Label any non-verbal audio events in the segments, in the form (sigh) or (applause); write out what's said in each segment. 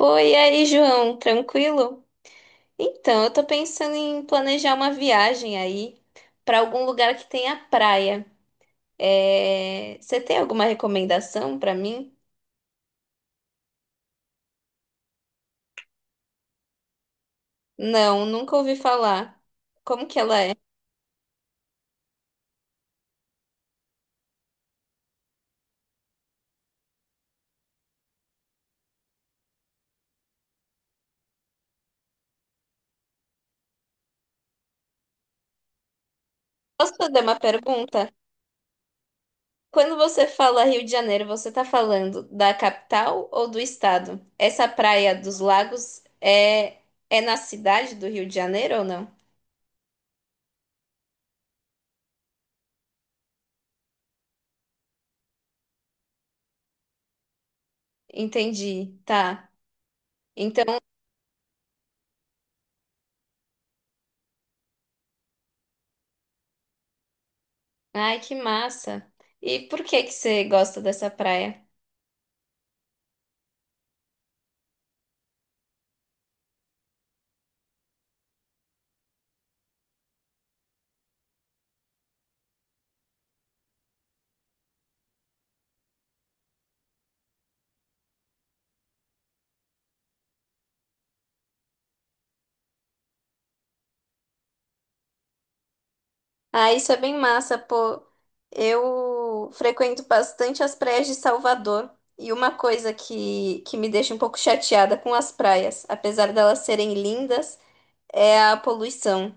Oi, e aí, João, tranquilo? Então, eu tô pensando em planejar uma viagem aí pra algum lugar que tenha praia. Você tem alguma recomendação pra mim? Não, nunca ouvi falar. Como que ela é? Posso fazer uma pergunta? Quando você fala Rio de Janeiro, você tá falando da capital ou do estado? Essa praia dos lagos é na cidade do Rio de Janeiro ou não? Entendi, tá. Então. Ai, que massa. E por que que você gosta dessa praia? Ah, isso é bem massa, pô. Eu frequento bastante as praias de Salvador. E uma coisa que me deixa um pouco chateada com as praias, apesar delas serem lindas, é a poluição.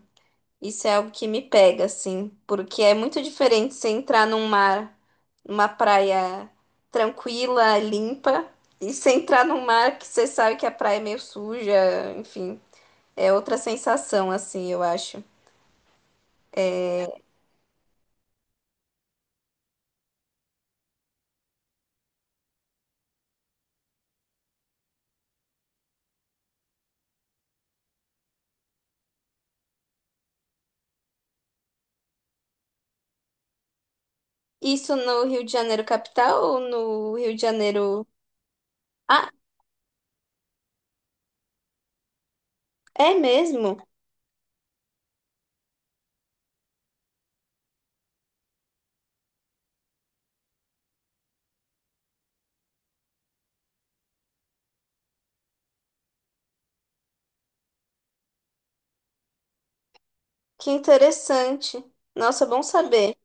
Isso é algo que me pega, assim, porque é muito diferente você entrar num mar, numa praia tranquila, limpa, e você entrar num mar que você sabe que a praia é meio suja, enfim. É outra sensação, assim, eu acho. Isso no Rio de Janeiro capital ou no Rio de Janeiro? Ah, é mesmo? Que interessante. Nossa, bom saber.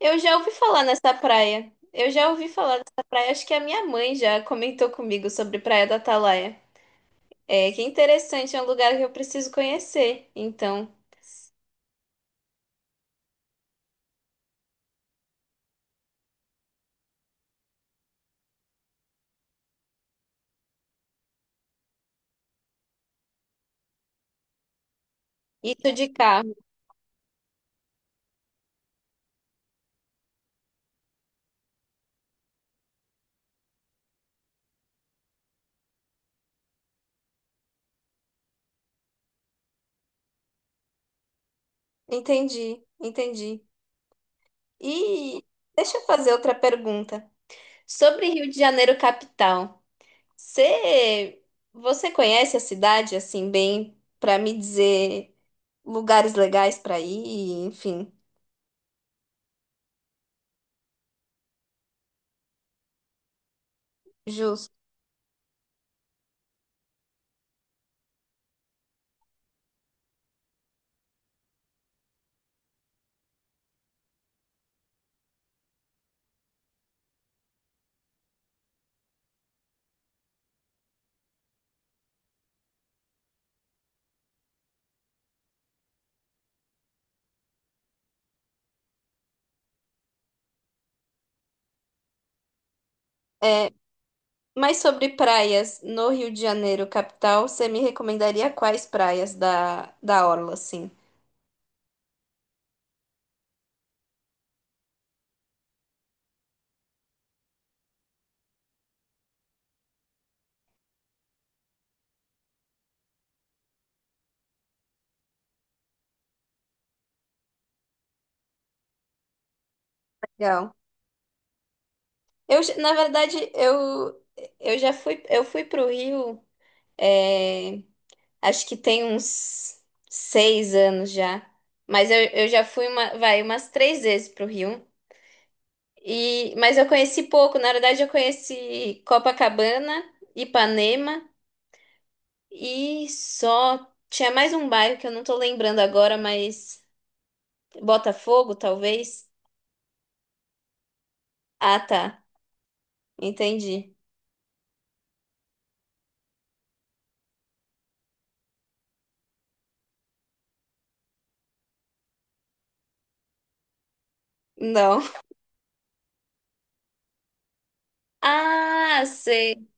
Eu já ouvi falar nessa praia. Eu já ouvi falar dessa praia. Acho que a minha mãe já comentou comigo sobre Praia da Atalaia. Que interessante, é um lugar que eu preciso conhecer. Então, isso de carro. Entendi, entendi. E deixa eu fazer outra pergunta sobre Rio de Janeiro capital. Você, você conhece a cidade assim bem para me dizer lugares legais para ir, enfim, justo. É, mas sobre praias no Rio de Janeiro, capital, você me recomendaria quais praias da orla, assim? Legal. Na verdade, eu fui pro Rio, é, acho que tem uns 6 anos já. Mas eu já fui vai, umas três vezes pro Rio. Mas eu conheci pouco, na verdade eu conheci Copacabana, Ipanema e só tinha mais um bairro que eu não tô lembrando agora, mas Botafogo, talvez. Ah, tá. Entendi. Não. (laughs) Ah, sei.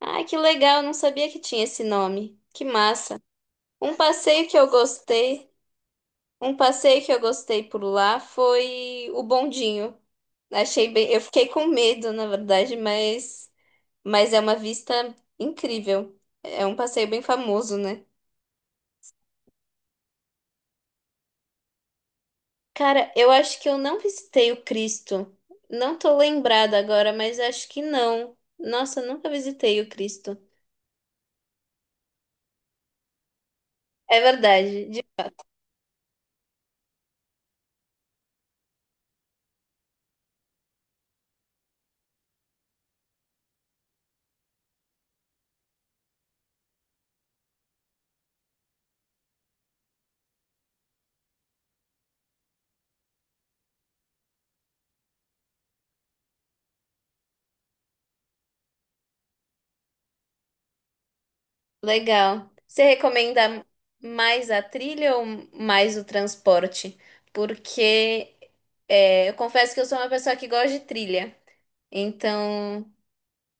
Ah, que legal, eu não sabia que tinha esse nome. Que massa. Um passeio que eu gostei, Um passeio que eu gostei por lá foi o bondinho. Achei bem, eu fiquei com medo, na verdade, mas é uma vista incrível. É um passeio bem famoso, né? Cara, eu acho que eu não visitei o Cristo. Não tô lembrada agora, mas acho que não. Nossa, eu nunca visitei o Cristo. É verdade. Legal. Você recomenda mais a trilha ou mais o transporte? Porque eu confesso que eu sou uma pessoa que gosta de trilha. Então.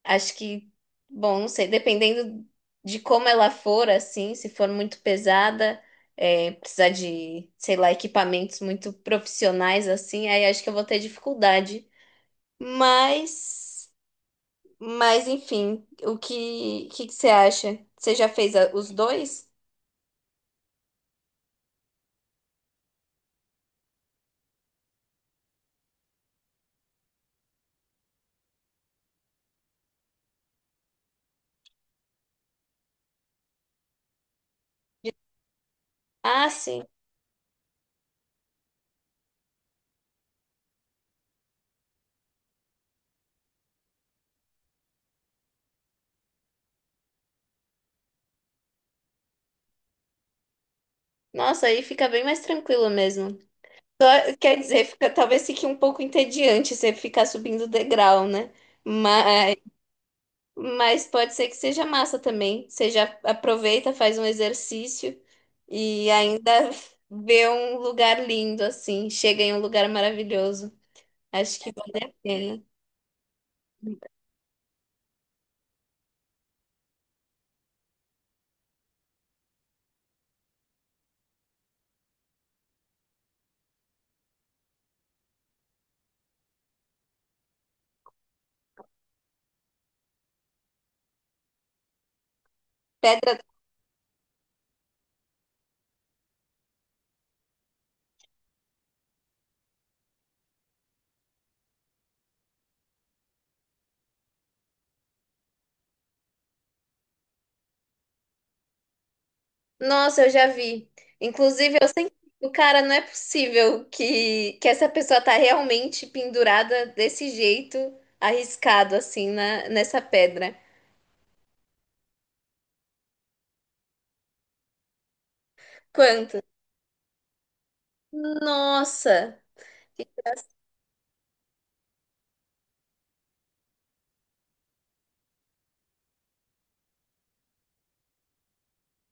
Acho que, bom, não sei, dependendo de como ela for, assim, se for muito pesada, precisar de, sei lá, equipamentos muito profissionais, assim, aí acho que eu vou ter dificuldade. Mas, enfim, o que, que você acha? Você já fez os dois? Ah, sim. Nossa, aí fica bem mais tranquilo mesmo. Quer dizer, fica, talvez fique um pouco entediante você ficar subindo o degrau, né? Mas pode ser que seja massa também. Você já aproveita, faz um exercício e ainda (laughs) vê um lugar lindo assim. Chega em um lugar maravilhoso. Acho que vale a pena. Pedra. Nossa, eu já vi. Inclusive, eu sempre. O cara, não é possível que essa pessoa tá realmente pendurada desse jeito, arriscado assim nessa pedra. Quanto? Nossa,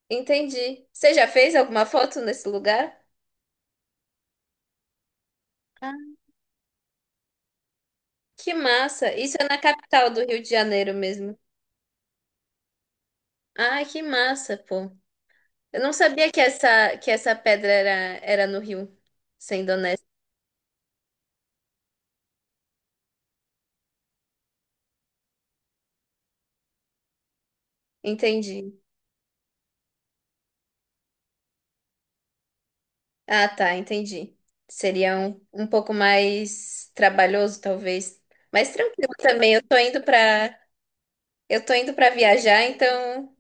entendi. Você já fez alguma foto nesse lugar? Ah, que massa! Isso é na capital do Rio de Janeiro mesmo. Ah, que massa, pô. Eu não sabia que essa pedra era no Rio, sendo honesto. Entendi. Ah, tá, entendi. Seria um, pouco mais trabalhoso, talvez. Mas tranquilo também. Eu tô indo pra viajar, então.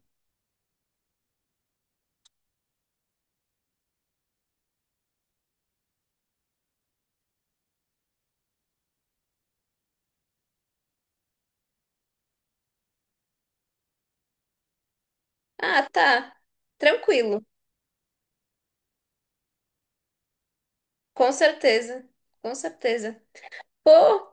Ah, tá. Tranquilo. Com certeza. Com certeza. Pô,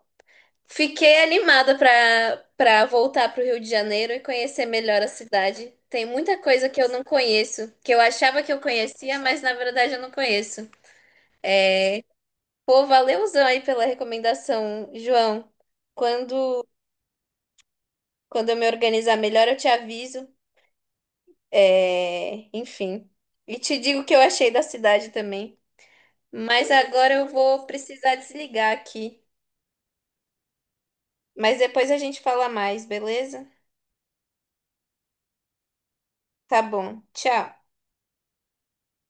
fiquei animada para voltar para o Rio de Janeiro e conhecer melhor a cidade. Tem muita coisa que eu não conheço, que eu achava que eu conhecia, mas na verdade eu não conheço. Pô, valeuzão aí pela recomendação, João. Quando Quando eu me organizar melhor, eu te aviso. Enfim, e te digo o que eu achei da cidade também. Mas agora eu vou precisar desligar aqui. Mas depois a gente fala mais, beleza? Tá bom. Tchau.